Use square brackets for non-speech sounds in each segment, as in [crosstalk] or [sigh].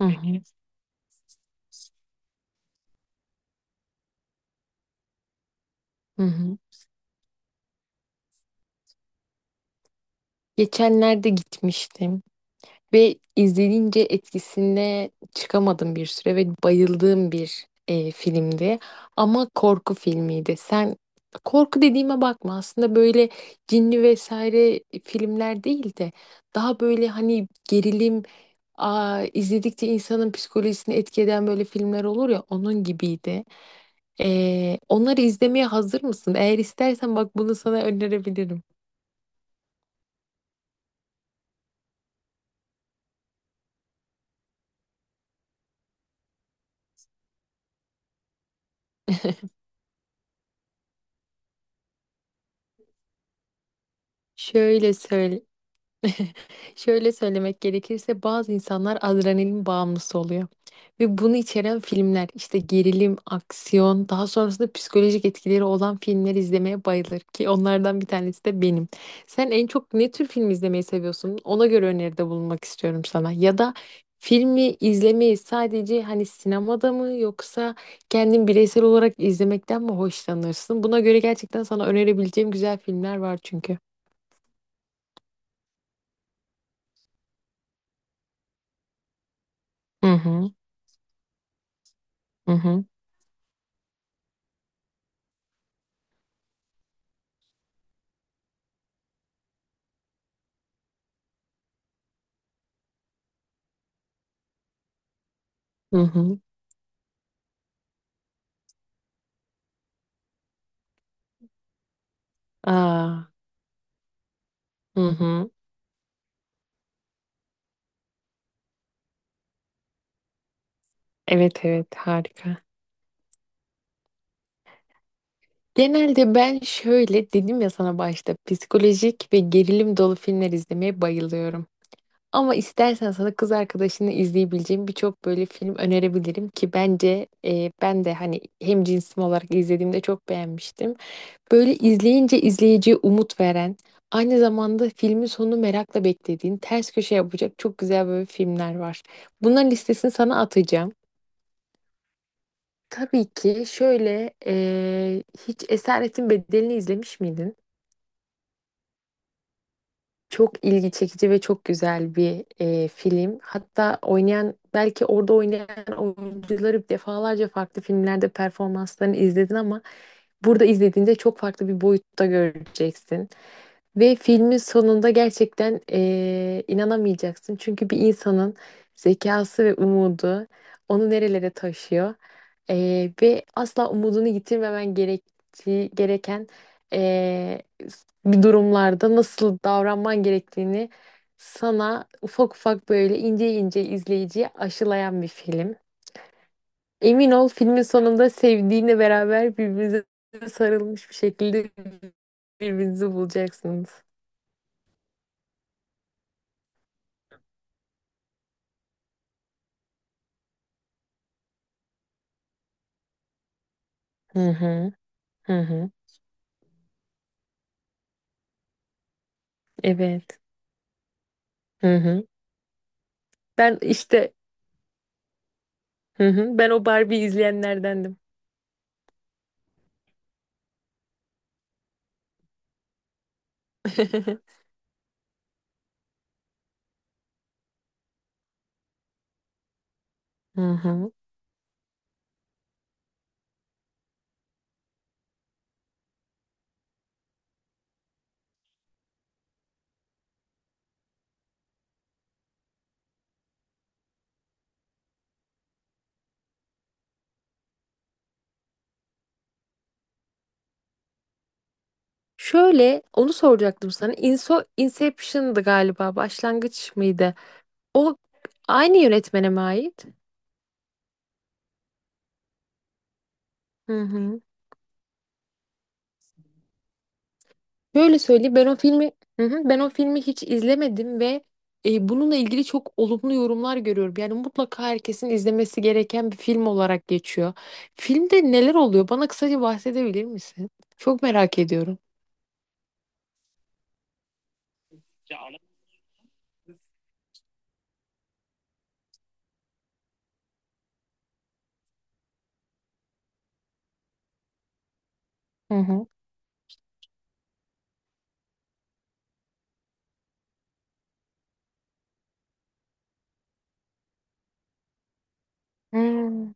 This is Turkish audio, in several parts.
Hı hı, hı hı. Geçenlerde gitmiştim ve izlenince etkisine çıkamadım bir süre ve bayıldığım bir filmdi. Ama korku filmiydi. Sen korku dediğime bakma aslında böyle cinli vesaire filmler değil de daha böyle hani gerilim izledikçe insanın psikolojisini etki eden böyle filmler olur ya onun gibiydi. Onları izlemeye hazır mısın? Eğer istersen bak bunu sana önerebilirim. Şöyle söyle, şöyle söylemek gerekirse bazı insanlar adrenalin bağımlısı oluyor. Ve bunu içeren filmler işte gerilim, aksiyon, daha sonrasında psikolojik etkileri olan filmler izlemeye bayılır ki onlardan bir tanesi de benim. Sen en çok ne tür film izlemeyi seviyorsun? Ona göre öneride bulunmak istiyorum sana. Ya da filmi izlemeyi sadece hani sinemada mı yoksa kendin bireysel olarak izlemekten mi hoşlanırsın? Buna göre gerçekten sana önerebileceğim güzel filmler var çünkü. Hı hı, hı hı. Hı hı. Aa, hı hı. Evet, evet, harika. Genelde ben şöyle dedim ya sana başta psikolojik ve gerilim dolu filmler izlemeye bayılıyorum. Ama istersen sana kız arkadaşını izleyebileceğim birçok böyle film önerebilirim ki bence ben de hani hem cinsim olarak izlediğimde çok beğenmiştim. Böyle izleyince izleyiciye umut veren, aynı zamanda filmin sonunu merakla beklediğin, ters köşe yapacak çok güzel böyle filmler var. Bunların listesini sana atacağım. Tabii ki şöyle hiç Esaretin Bedeli'ni izlemiş miydin? Çok ilgi çekici ve çok güzel bir film. Hatta oynayan belki orada oynayan oyuncuları defalarca farklı filmlerde performanslarını izledin ama burada izlediğinde çok farklı bir boyutta göreceksin. Ve filmin sonunda gerçekten inanamayacaksın. Çünkü bir insanın zekası ve umudu onu nerelere taşıyor. Ve asla umudunu yitirmemen gerektiği, gereken eee, bir durumlarda nasıl davranman gerektiğini sana ufak ufak böyle ince ince izleyiciye aşılayan bir film. Emin ol filmin sonunda sevdiğinle beraber birbirinize sarılmış bir şekilde birbirinizi bulacaksınız. Hı hı. Hı hı. Evet. Hı hı. Ben işte hı hı. Ben o Barbie izleyenlerdendim. [laughs] Hı hı. Şöyle onu soracaktım sana. Inception'dı galiba. Başlangıç mıydı? O aynı yönetmene mi ait? Hı hı. Şöyle söyleyeyim, ben o filmi hiç izlemedim ve bununla ilgili çok olumlu yorumlar görüyorum. Yani mutlaka herkesin izlemesi gereken bir film olarak geçiyor. Filmde neler oluyor? Bana kısaca bahsedebilir misin? Çok merak ediyorum. Hı hı. Hmm,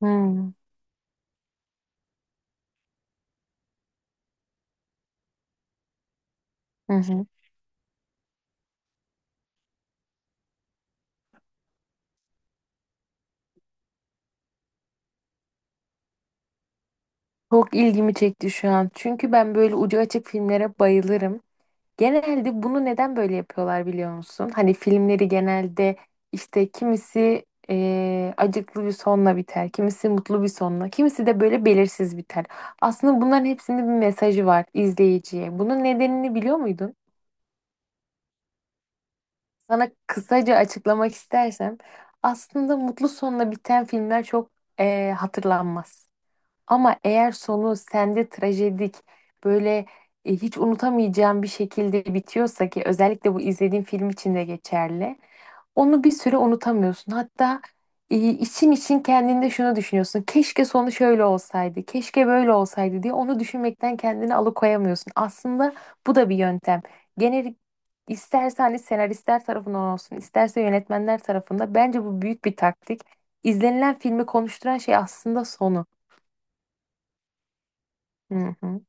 hmm, hı hı. Çok ilgimi çekti şu an. Çünkü ben böyle ucu açık filmlere bayılırım. Genelde bunu neden böyle yapıyorlar biliyor musun? Hani filmleri genelde işte kimisi acıklı bir sonla biter, kimisi mutlu bir sonla, kimisi de böyle belirsiz biter. Aslında bunların hepsinin bir mesajı var izleyiciye. Bunun nedenini biliyor muydun? Sana kısaca açıklamak istersem aslında mutlu sonla biten filmler çok hatırlanmaz. Ama eğer sonu sende trajedik böyle hiç unutamayacağım bir şekilde bitiyorsa ki özellikle bu izlediğin film için de geçerli. Onu bir süre unutamıyorsun. Hatta için için kendinde şunu düşünüyorsun. Keşke sonu şöyle olsaydı, keşke böyle olsaydı diye onu düşünmekten kendini alıkoyamıyorsun. Aslında bu da bir yöntem. Genel isterse hani senaristler tarafından olsun, isterse yönetmenler tarafında bence bu büyük bir taktik. İzlenilen filmi konuşturan şey aslında sonu. Hı hı.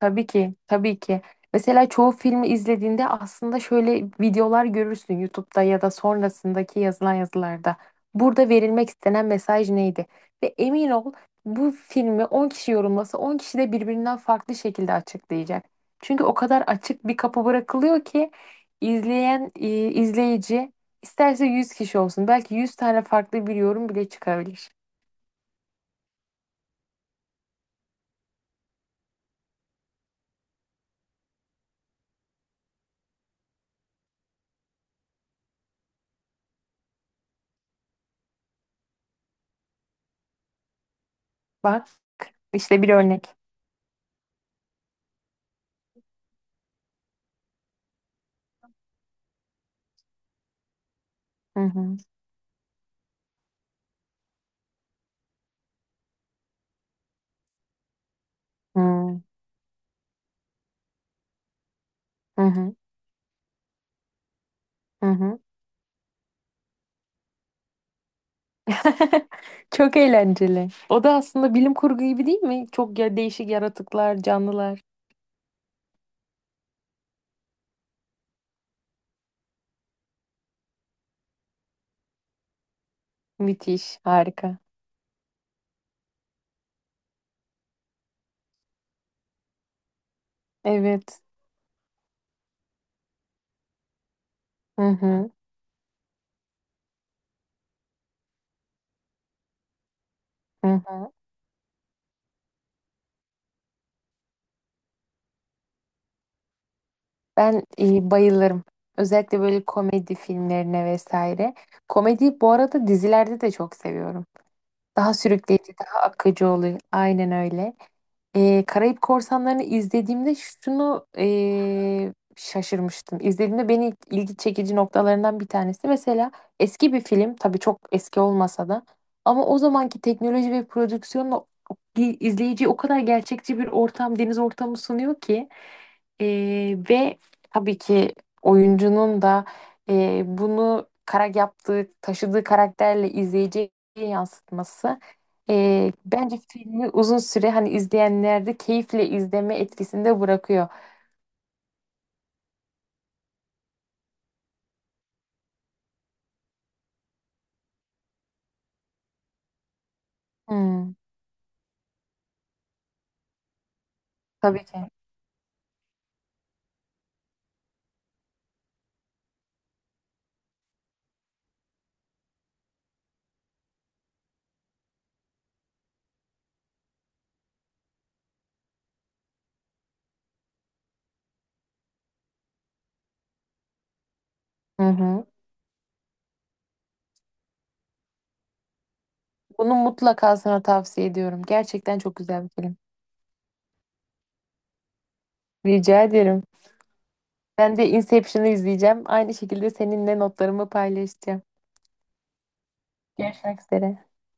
Tabii ki, tabii ki. Mesela çoğu filmi izlediğinde aslında şöyle videolar görürsün YouTube'da ya da sonrasındaki yazılan yazılarda. Burada verilmek istenen mesaj neydi? Ve emin ol bu filmi 10 kişi yorumlasa 10 kişi de birbirinden farklı şekilde açıklayacak. Çünkü o kadar açık bir kapı bırakılıyor ki izleyen izleyici isterse 100 kişi olsun belki 100 tane farklı bir yorum bile çıkabilir. Bak işte bir örnek. Hı hı. Hı hı. Hı hı. Hı hı. [laughs] Çok eğlenceli. O da aslında bilim kurgu gibi değil mi? Çok ya değişik yaratıklar, canlılar. Müthiş, harika. Evet. Hı hı, hı hı. Ben bayılırım. Özellikle böyle komedi filmlerine vesaire. Komedi bu arada dizilerde de çok seviyorum. Daha sürükleyici, daha akıcı oluyor. Aynen öyle. Karayip Korsanları'nı izlediğimde şunu şaşırmıştım. İzlediğimde beni ilgi çekici noktalarından bir tanesi. Mesela eski bir film, tabii çok eski olmasa da ama o zamanki teknoloji ve prodüksiyonla izleyiciye o kadar gerçekçi bir ortam, deniz ortamı sunuyor ki ve tabii ki oyuncunun da bunu kara yaptığı, taşıdığı karakterle izleyiciye yansıtması. Bence filmi uzun süre hani izleyenlerde keyifle izleme etkisinde bırakıyor. Hmm, tabii ki. Hı hı. Bunu mutlaka sana tavsiye ediyorum. Gerçekten çok güzel bir film. Rica ederim. Ben de Inception'ı izleyeceğim. Aynı şekilde seninle notlarımı paylaşacağım. Görüşmek üzere.